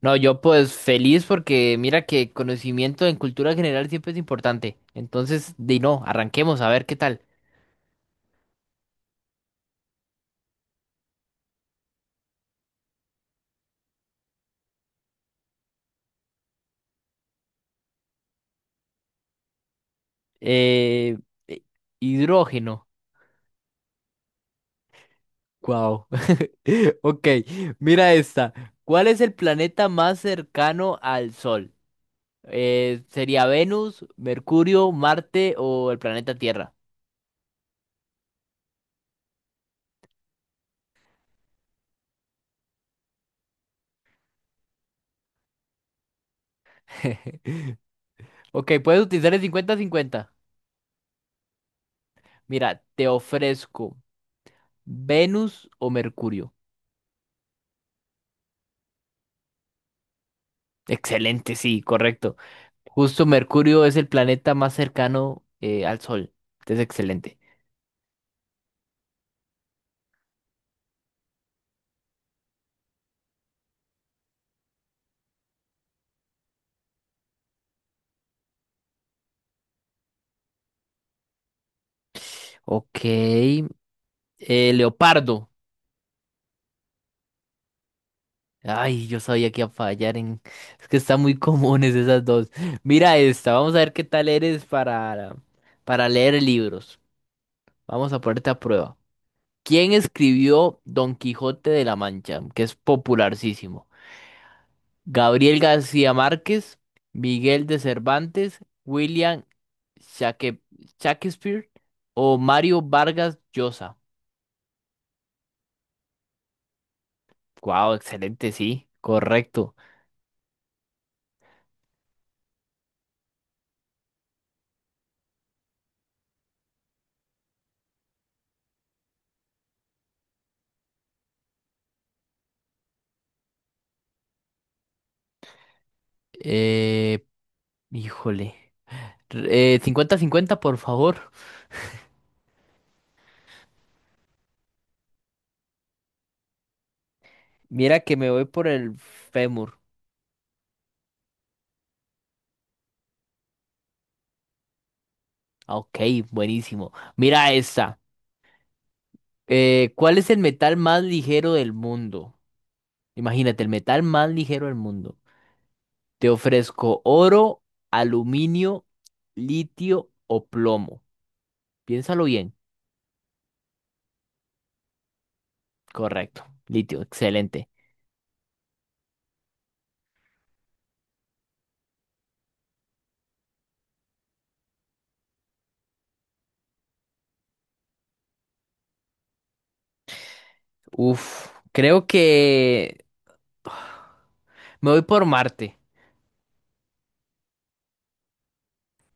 No, yo pues feliz porque mira que conocimiento en cultura general siempre es importante. Entonces, di no, arranquemos a ver qué tal. Eh, eh, Hidrógeno. Wow. Ok, mira esta. ¿Cuál es el planeta más cercano al Sol? ¿Sería Venus, Mercurio, Marte o el planeta Tierra? Ok, puedes utilizar el 50-50. Mira, te ofrezco Venus o Mercurio. Excelente, sí, correcto. Justo Mercurio es el planeta más cercano al Sol. Es excelente. Ok. Leopardo. Ay, yo sabía que iba a fallar en... Es que están muy comunes esas dos. Mira esta. Vamos a ver qué tal eres para leer libros. Vamos a ponerte a prueba. ¿Quién escribió Don Quijote de la Mancha? Que es popularísimo. Gabriel García Márquez, Miguel de Cervantes, William Shaque- Shakespeare o Mario Vargas Llosa. Wow, excelente, sí, correcto. Eh, híjole. 50-50, por favor. Mira que me voy por el fémur. Ah, ok, buenísimo. Mira esta. ¿Cuál es el metal más ligero del mundo? Imagínate, el metal más ligero del mundo. Te ofrezco oro, aluminio, litio o plomo. Piénsalo bien. Correcto. Litio, excelente. Uf, creo que me voy por Marte.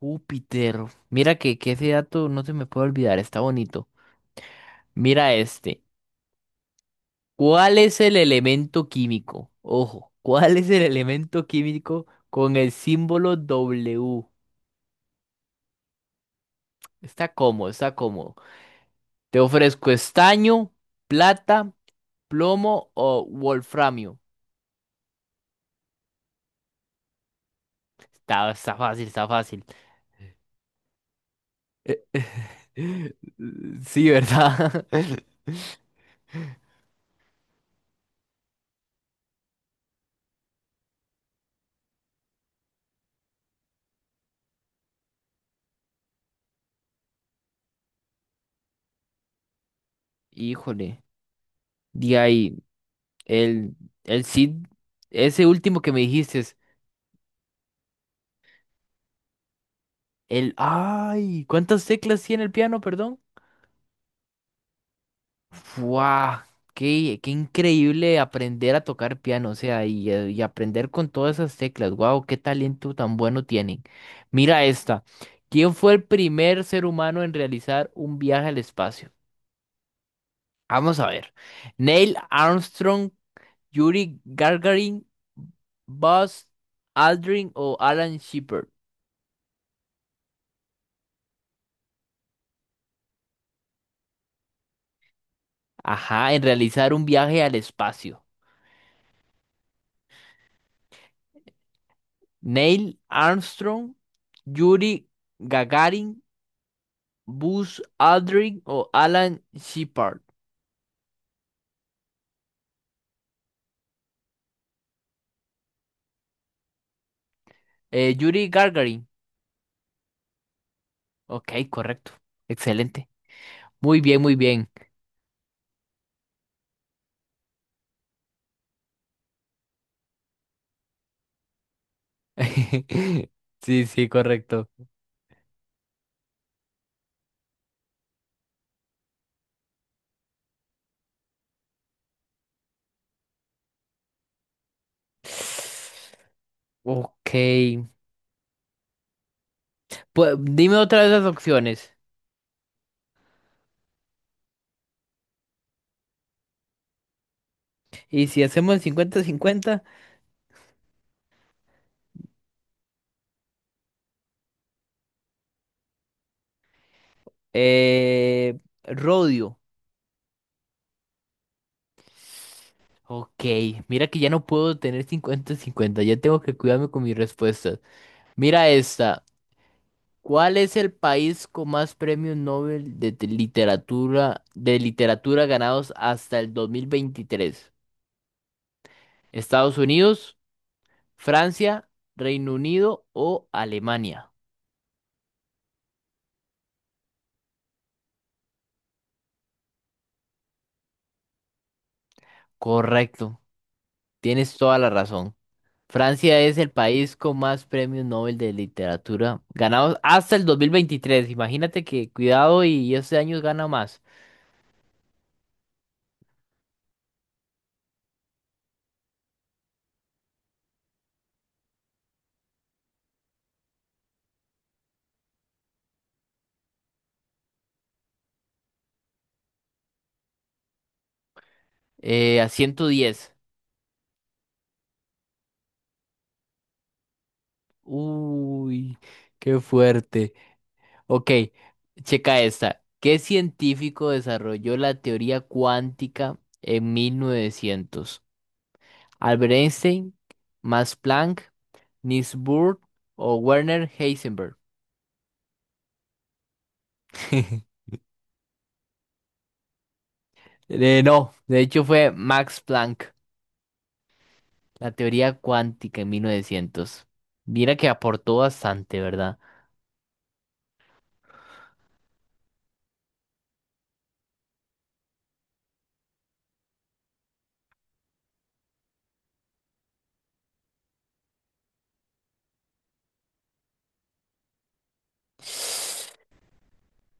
Júpiter. Mira que ese dato no se me puede olvidar, está bonito. Mira este. ¿Cuál es el elemento químico? Ojo, ¿cuál es el elemento químico con el símbolo W? Está cómodo, está cómodo. Te ofrezco estaño, plata. ¿Plomo o wolframio? Está fácil, está fácil. Sí, ¿verdad? Híjole. De ahí, el, el Cid, ese último que me dijiste es el... ¡Ay! ¿Cuántas teclas tiene el piano, perdón? ¡Wow! Qué increíble aprender a tocar piano, o sea, y aprender con todas esas teclas. ¡Wow! ¡Qué talento tan bueno tienen! Mira esta. ¿Quién fue el primer ser humano en realizar un viaje al espacio? Vamos a ver. Neil Armstrong, Yuri Gagarin, Buzz Aldrin o Alan Shepard. Ajá, en realizar un viaje al espacio. Neil Armstrong, Yuri Gagarin, Buzz Aldrin o Alan Shepard. Yuri Gagarin. Ok, correcto. Excelente. Muy bien, muy bien. Sí, sí, correcto. Ok. Pues, dime otra de esas opciones. Y si hacemos el 50-50, eh, Rodio. Ok, mira que ya no puedo tener 50-50, ya tengo que cuidarme con mis respuestas. Mira esta. ¿Cuál es el país con más premios Nobel de literatura ganados hasta el 2023? ¿Estados Unidos, Francia, Reino Unido o Alemania? Correcto, tienes toda la razón. Francia es el país con más premios Nobel de literatura ganados hasta el 2023. Imagínate que cuidado y este año gana más. A 110. Uy, qué fuerte. Ok, checa esta. ¿Qué científico desarrolló la teoría cuántica en 1900? ¿Albert Einstein, Max Planck, Niels Bohr o Werner Heisenberg? No, de hecho fue Max Planck. La teoría cuántica en 1900. Mira que aportó bastante, ¿verdad?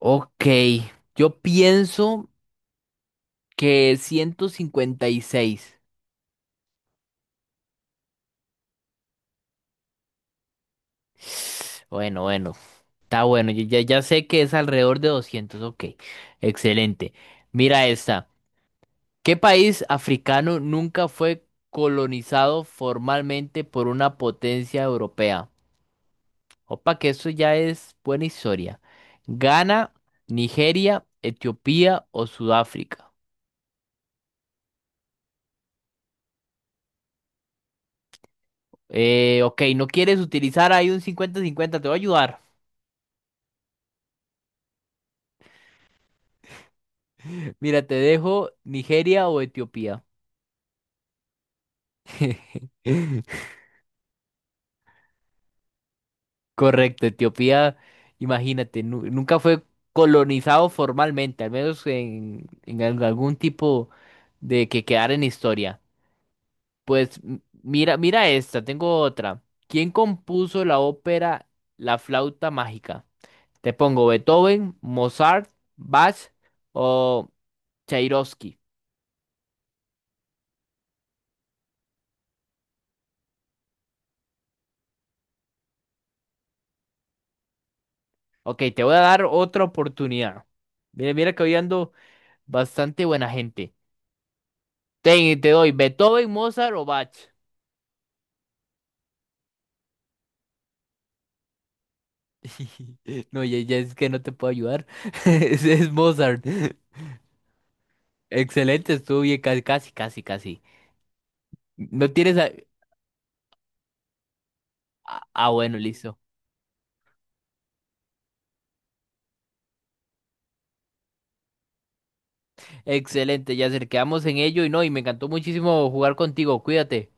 Ok, yo pienso que 156. Bueno, bueno, está bueno. Yo ya sé que es alrededor de 200. Ok, excelente. Mira esta. ¿Qué país africano nunca fue colonizado formalmente por una potencia europea? Opa, que eso ya es buena historia. Ghana, Nigeria, Etiopía o Sudáfrica. Ok, no quieres utilizar ahí un 50-50. Te voy a ayudar. Mira, te dejo Nigeria o Etiopía. Correcto, Etiopía, imagínate, nunca fue colonizado formalmente, al menos algún tipo de que quedara en historia. Pues mira esta, tengo otra. ¿Quién compuso la ópera La flauta mágica? Te pongo Beethoven, Mozart, Bach o Tchaikovsky. Ok, te voy a dar otra oportunidad. Mira, mira que hoy ando bastante buena gente. Te doy Beethoven, Mozart o Bach. No, ya es que no te puedo ayudar. Es Mozart. Excelente, estuvo bien, casi, casi, casi. No tienes... a- Ah, ah, bueno, listo. Excelente, Yasser, quedamos en ello y no, y me encantó muchísimo jugar contigo, cuídate.